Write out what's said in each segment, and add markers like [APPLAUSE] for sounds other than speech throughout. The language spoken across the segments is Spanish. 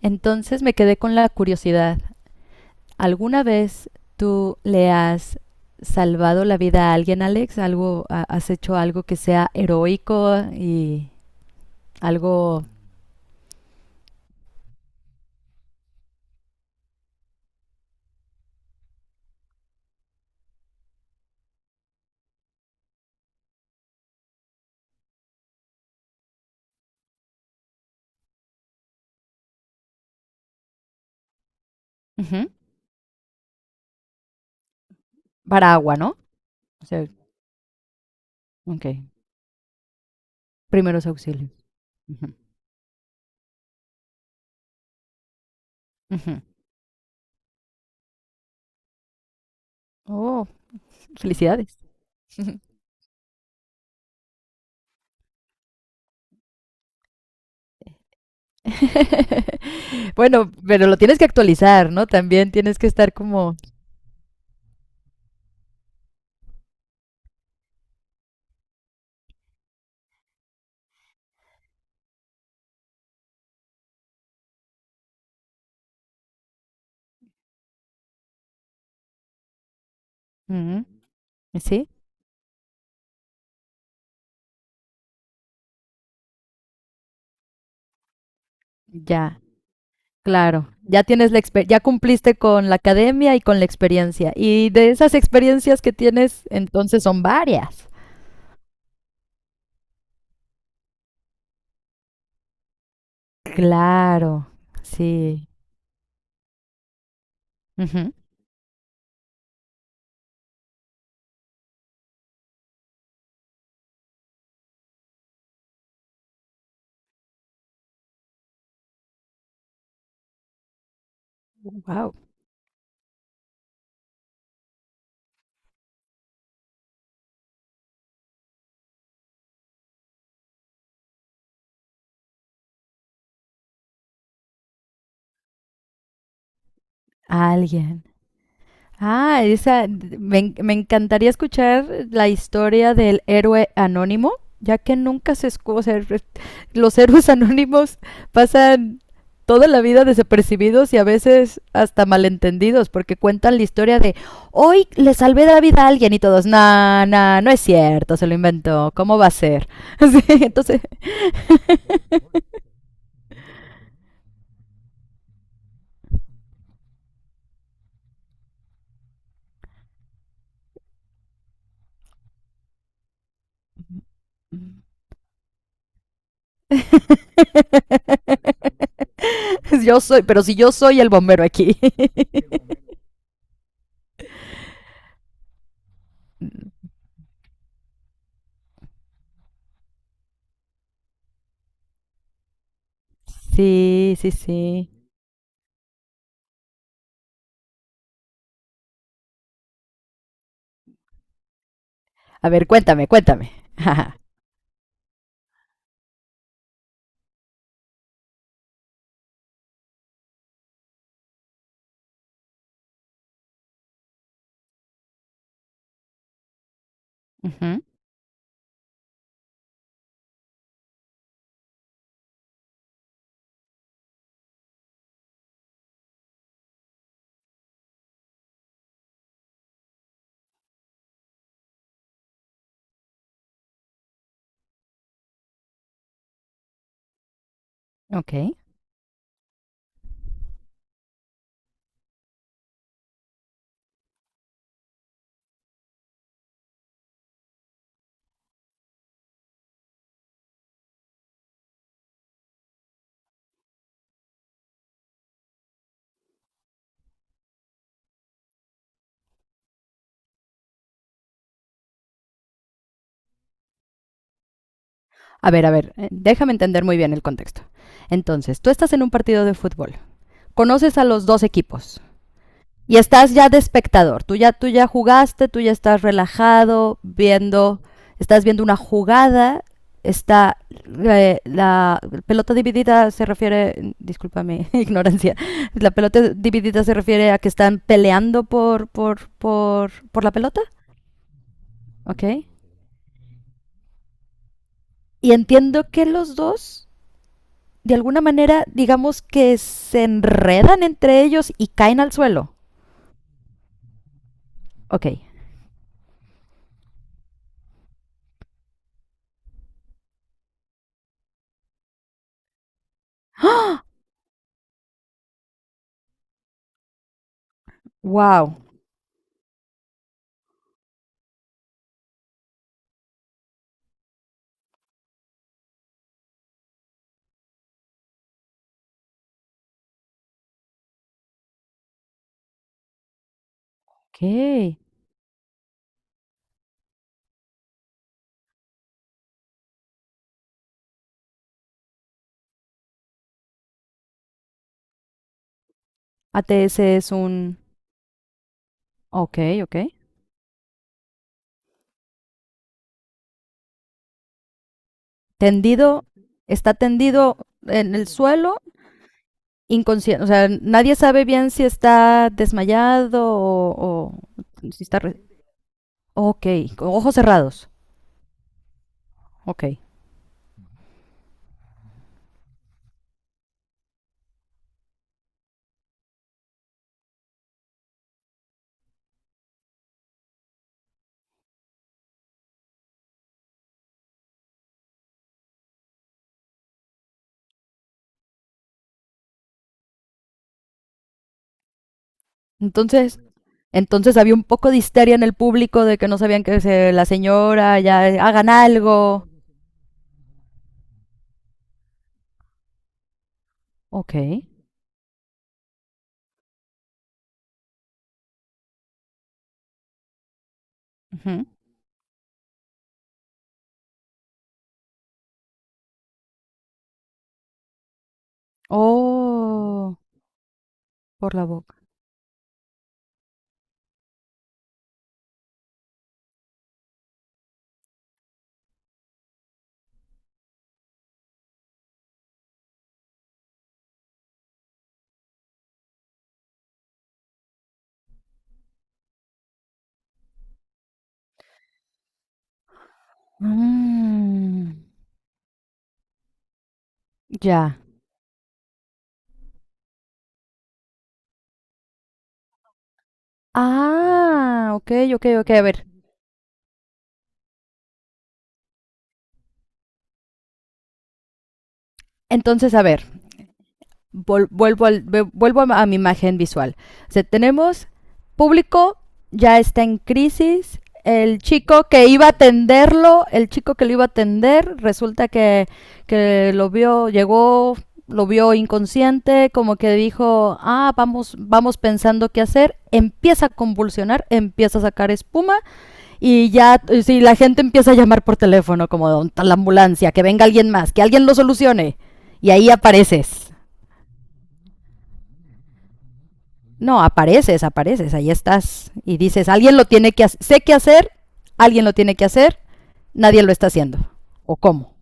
Entonces me quedé con la curiosidad. ¿Alguna vez tú le has salvado la vida a alguien, Alex? ¿Algo, ha- has hecho algo que sea heroico y algo? Ujú. ¿Para agua, no? O sea, ok. Primeros auxilios. Ujú, ujú. Oh, felicidades. [LAUGHS] Bueno, pero lo tienes que actualizar, ¿no? También tienes que estar como... ujú. ¿Sí? Ya. Claro, ya tienes la exper- ya cumpliste con la academia y con la experiencia. Y de esas experiencias que tienes, entonces son varias. Claro, sí. Ujú. Wow. Alguien. Ah, esa, me, en- me encantaría escuchar la historia del héroe anónimo, ya que nunca se escucha, los héroes [LAUGHS] anónimos pasan toda la vida desapercibidos y a veces hasta malentendidos, porque cuentan la historia de hoy le salvé la vida a alguien y todos, nah, nah, no es cierto, se lo inventó, ¿cómo va a ser? Sí, entonces, [LAUGHS] yo soy, pero si yo soy el bombero aquí. [LAUGHS] Sí, sí, sí. A ver, cuéntame, cuéntame. [LAUGHS] Ujú. Ok. A ver, déjame entender muy bien el contexto. Entonces, tú estás en un partido de fútbol, conoces a los dos equipos y estás ya de espectador. Tú ya jugaste, tú ya estás relajado, viendo, estás viendo una jugada, está la pelota dividida se refiere, disculpa mi [LAUGHS] ignorancia, la pelota dividida se refiere a que están peleando por la pelota, ¿ok? Y entiendo que los dos de alguna manera, digamos que se enredan entre ellos y caen al suelo. Ok. Wow. Ok. ATS es un... Ok, ok. Tendido, está tendido en el suelo, inconsciente. O sea, nadie sabe bien si está desmayado o si está... re- Ok, con ojos cerrados. Ok. Entonces, entonces había un poco de histeria en el público de que no sabían que se- la señora ya hagan algo. Ok. Ujú. Oh, por la boca. Mm, ya. Ah, ok, ok, ok. A ver. Entonces, a ver. Vol- vuelvo, al- vuelvo a mi imagen visual. O sea, tenemos público, ya está en crisis, el chico que iba a atenderlo, el chico que lo iba a atender, resulta que lo vio, llegó, lo vio inconsciente, como que dijo, ah, vamos, vamos pensando qué hacer, empieza a convulsionar, empieza a sacar espuma, y ya, si la gente empieza a llamar por teléfono, como "¿Dónde la ambulancia, que venga alguien más, que alguien lo solucione?" Y ahí apareces. No, apareces, apareces, ahí estás. Y dices, alguien lo tiene que hacer, sé qué hacer, alguien lo tiene que hacer, nadie lo está haciendo. ¿O cómo?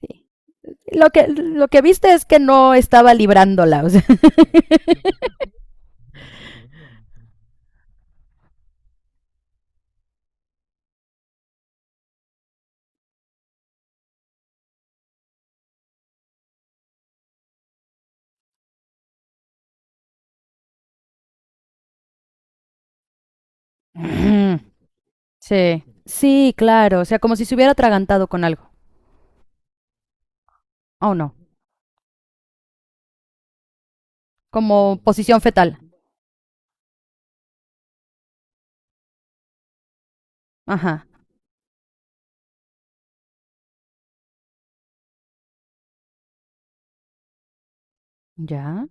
Sí. Lo que viste es que no estaba librándola. O sea. [LAUGHS] Sí, sí, claro. O sea, como si se hubiera atragantado con algo. Oh, no. Como posición fetal. Ajá. ¿Ya?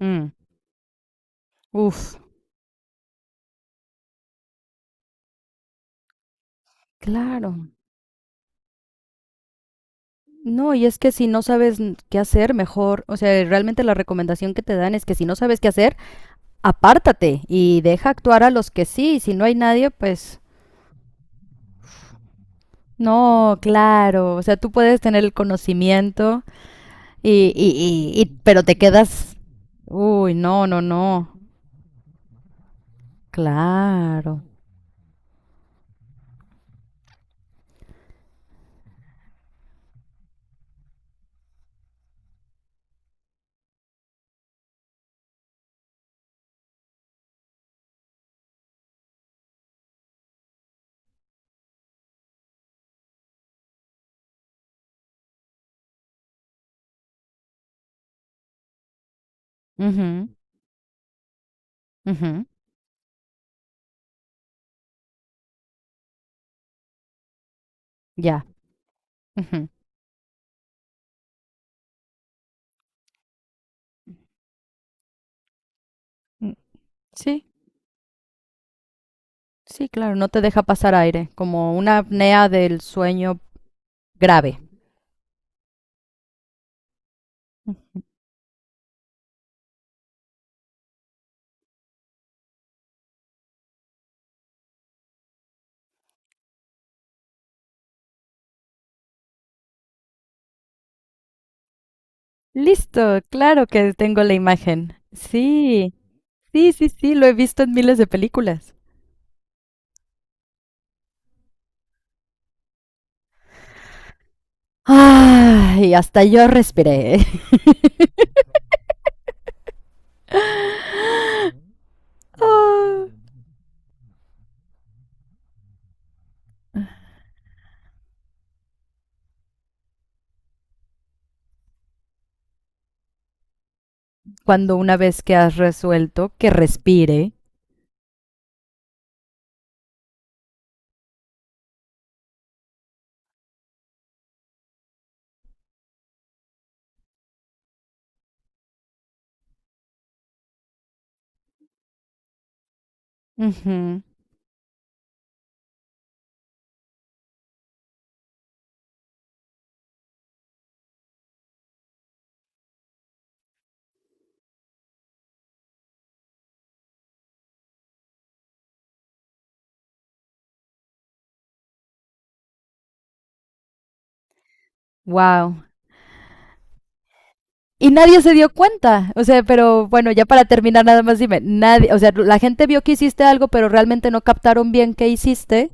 Mm. Uf, claro. No, y es que si no sabes qué hacer, mejor, o sea, realmente la recomendación que te dan es que si no sabes qué hacer, apártate y deja actuar a los que sí, si no hay nadie, pues no, claro, o sea, tú puedes tener el conocimiento y- pero te quedas, uy, no, no, no, claro. Ujú, ujú, ya, ujú. Mm, sí, sí, claro, no te deja pasar aire, como una apnea del sueño grave. Listo, claro que tengo la imagen. Sí, sí, sí, sí, lo he visto en miles de películas. Ay, hasta yo respiré. Ah, cuando una vez que has resuelto que respire. Ujú. Wow. Y nadie se dio cuenta. O sea, pero bueno, ya para terminar, nada más dime. Nadie, o sea, la gente vio que hiciste algo, pero realmente no captaron bien qué hiciste.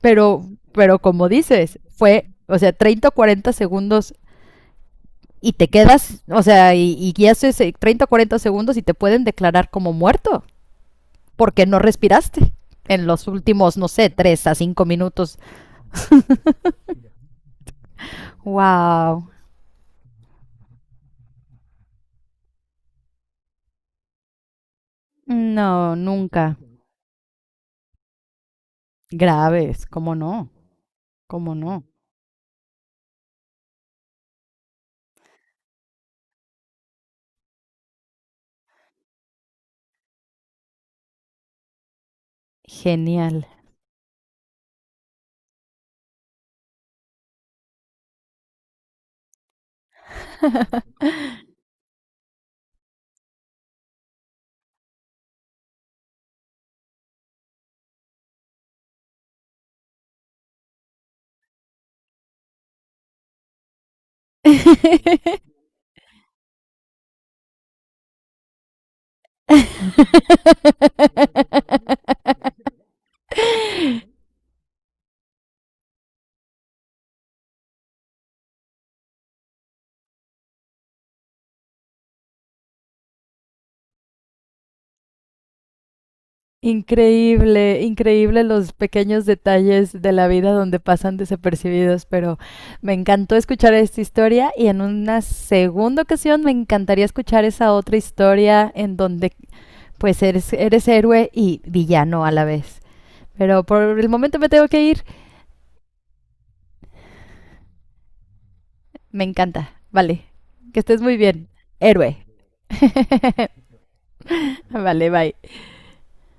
Pero, pero como dices, fue, o sea, 30 o 40 segundos y te quedas, o sea, y haces 30 o 40 segundos y te pueden declarar como muerto. Porque no respiraste en los últimos, no sé, 3 a 5 minutos. ¡Wow! No, nunca. Graves, ¿cómo no? ¿Cómo no? Genial. [LAUGHS] Increíble, increíble los pequeños detalles de la vida donde pasan desapercibidos, pero me encantó escuchar esta historia y en una segunda ocasión me encantaría escuchar esa otra historia en donde pues eres, eres héroe y villano a la vez. Pero por el momento me tengo que ir. Me encanta. Vale. Que estés muy bien. Héroe. [LAUGHS] Vale, bye.